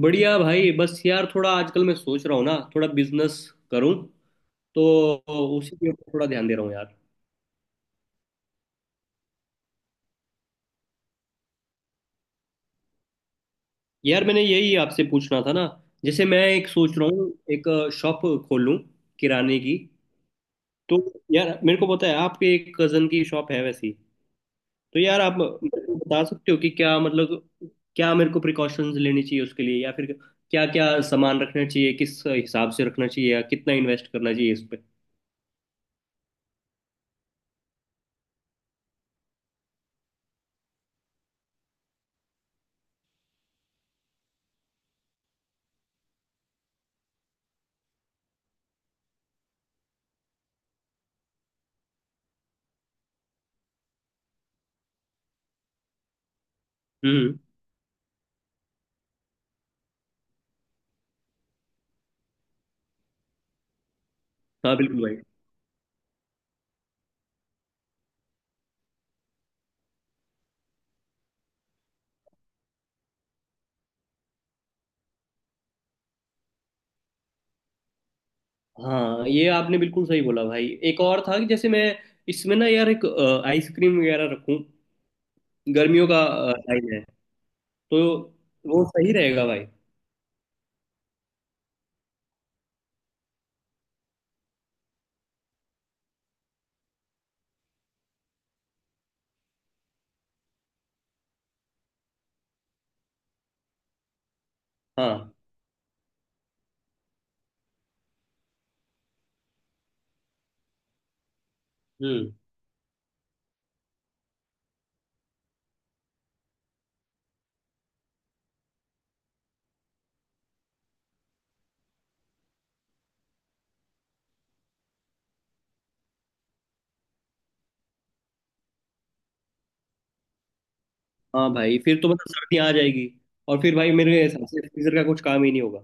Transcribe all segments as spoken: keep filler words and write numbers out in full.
बढ़िया भाई। बस यार थोड़ा आजकल मैं सोच रहा हूँ ना थोड़ा बिजनेस करूँ तो उसी के ऊपर थोड़ा ध्यान दे रहा हूँ यार। यार मैंने यही आपसे पूछना था ना। जैसे मैं एक सोच रहा हूँ, एक शॉप खोल लूँ किराने की। तो यार मेरे को पता है आपके एक कजन की शॉप है वैसी। तो यार आप मेरे को बता सकते हो कि क्या मतलब, क्या मेरे को प्रिकॉशंस लेनी चाहिए उसके लिए, या फिर क्या क्या सामान रखना चाहिए, किस हिसाब से रखना चाहिए, या कितना इन्वेस्ट करना चाहिए इस पे। हम्म। हाँ बिल्कुल। हाँ ये आपने बिल्कुल सही बोला भाई। एक और था कि जैसे मैं इसमें ना यार एक अ, आइसक्रीम वगैरह रखूं। गर्मियों का अ, टाइम है। तो वो सही रहेगा भाई। हाँ। हम्म। हाँ भाई फिर तो मतलब सर्दी आ जाएगी। और फिर भाई मेरे हिसाब से फ्रीजर का कुछ काम ही नहीं होगा।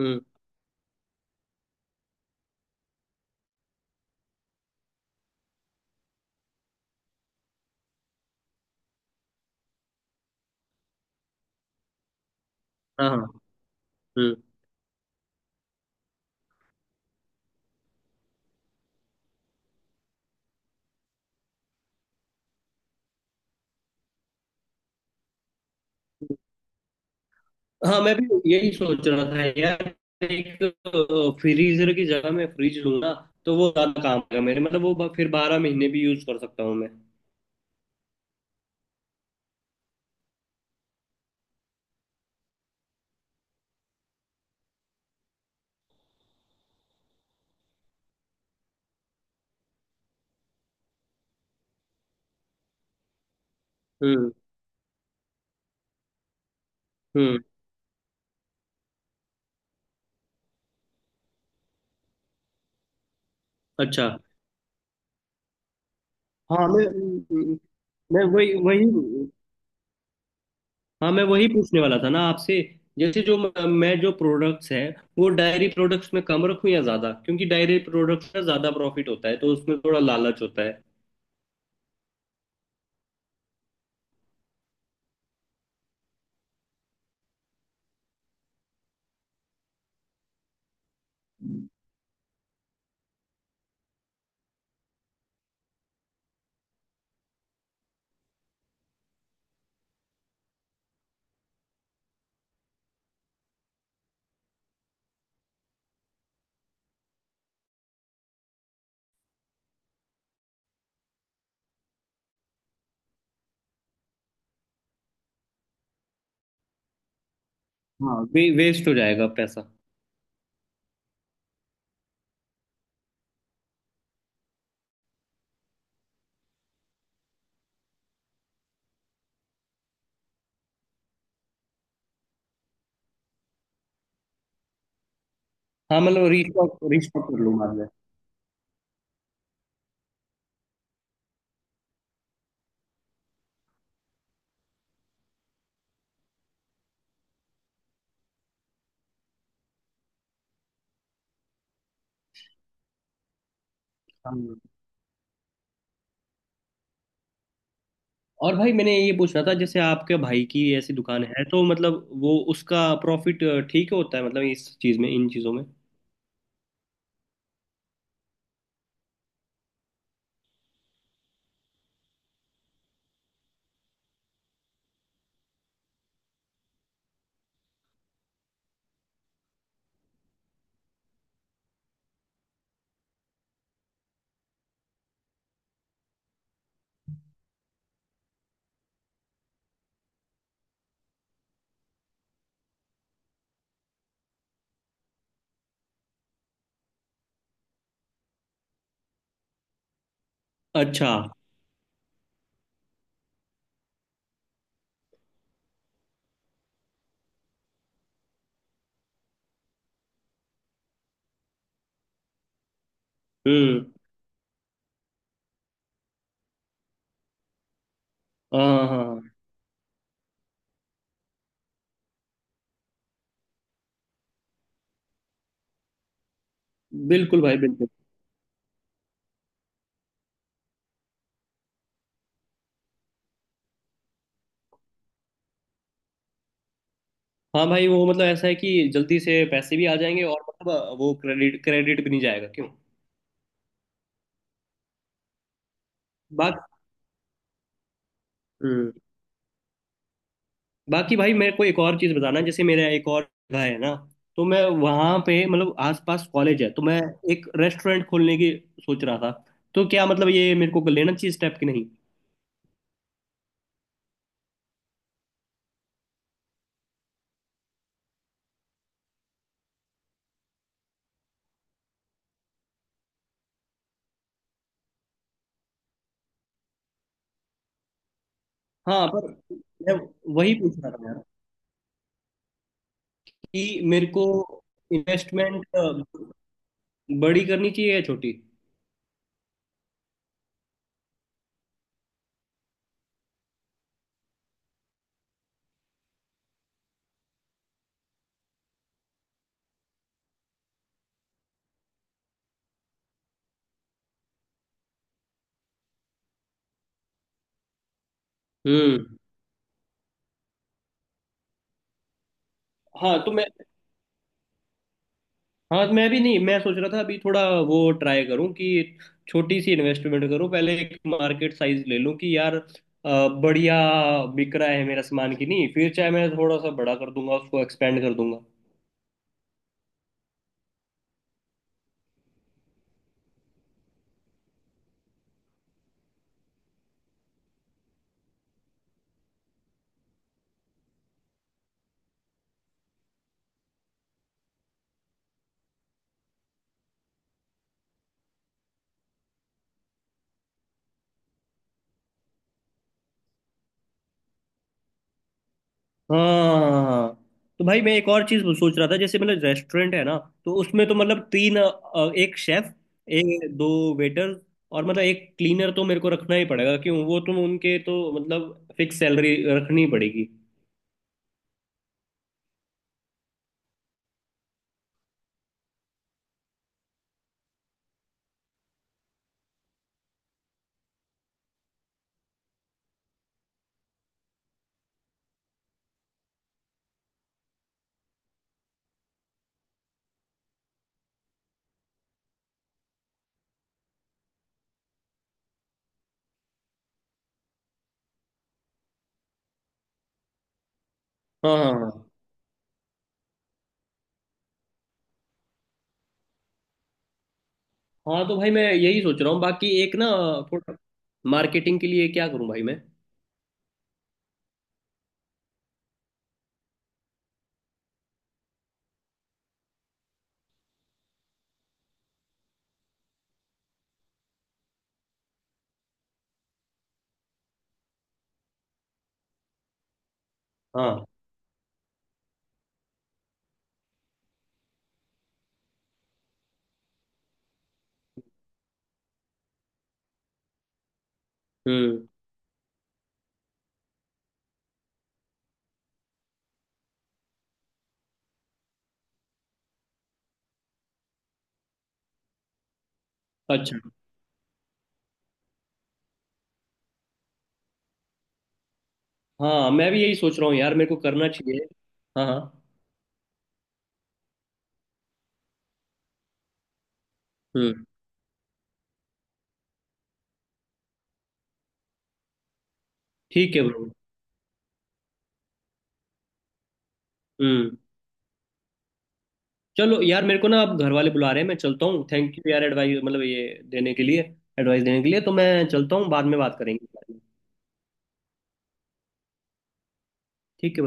हम्म। हाँ हाँ। हम्म। हाँ मैं भी यही सोच रहा था यार। एक फ्रीजर की जगह मैं फ्रिज लूंगा। तो वो ज्यादा काम का मेरे मतलब वो ब- फिर बारह महीने भी यूज कर सकता हूँ मैं। हम्म। हम्म। अच्छा। हाँ मैं म, मैं वही वही। हाँ मैं वही पूछने वाला था ना आपसे। जैसे जो म- मैं जो प्रोडक्ट्स हैं वो डायरी प्रोडक्ट्स में कम रखूं या ज्यादा, क्योंकि डायरी प्रोडक्ट्स का ज्यादा प्रॉफिट होता है तो उसमें थोड़ा लालच होता है। हाँ वे, वेस्ट हो जाएगा पैसा। हाँ मतलब रिस्टॉक रिस्टॉक कर लूंगा मैं। हाँ। और भाई मैंने ये पूछना था जैसे आपके भाई की ऐसी दुकान है, तो मतलब वो उसका प्रॉफिट ठीक होता है मतलब इस चीज में, इन चीजों में? अच्छा। हम्म। हाँ हाँ हाँ। बिल्कुल भाई बिल्कुल। हाँ भाई वो मतलब ऐसा है कि जल्दी से पैसे भी आ जाएंगे, और मतलब वो क्रेडिट क्रेडिट भी नहीं जाएगा क्यों। बाकी। हम्म। बाकी भाई मेरे को एक और चीज़ बताना जैसे मेरा एक और जगह है ना। तो मैं वहाँ पे, मतलब आसपास कॉलेज है, तो मैं एक रेस्टोरेंट खोलने की सोच रहा था। तो क्या मतलब ये मेरे को लेना चाहिए स्टेप कि नहीं? हाँ पर मैं वही पूछ रहा था यार कि मेरे को इन्वेस्टमेंट बड़ी करनी चाहिए या छोटी। हम्म। हाँ तो मैं, हाँ मैं भी नहीं, मैं सोच रहा था अभी थोड़ा वो ट्राई करूं कि छोटी सी इन्वेस्टमेंट करूं। पहले एक मार्केट साइज ले लूं कि यार अ, बढ़िया बिक रहा है मेरा सामान कि नहीं, फिर चाहे मैं थोड़ा सा बड़ा कर दूंगा उसको एक्सपेंड कर दूंगा। हाँ हाँ हाँ। तो भाई मैं एक और चीज सोच रहा था जैसे मतलब रेस्टोरेंट है ना, तो उसमें तो मतलब तीन, अ, एक शेफ, एक दो वेटर, और मतलब एक क्लीनर तो मेरे को रखना ही पड़ेगा क्यों। वो तुम उनके तो मतलब फिक्स सैलरी रखनी पड़ेगी। हाँ हाँ हाँ। तो भाई मैं यही सोच रहा हूँ बाकी एक ना, थोड़ा मार्केटिंग के लिए क्या करूँ भाई मैं? हाँ। हम्म। अच्छा। हाँ मैं भी यही सोच रहा हूँ यार मेरे को करना चाहिए। हाँ हाँ। हम्म। ठीक है ब्रो। हम्म। चलो यार मेरे को ना अब घर वाले बुला रहे हैं, मैं चलता हूँ। थैंक यू यार एडवाइस मतलब ये देने के लिए, एडवाइस देने के लिए, तो मैं चलता हूँ, बाद में बात करेंगे। ठीक है भाई।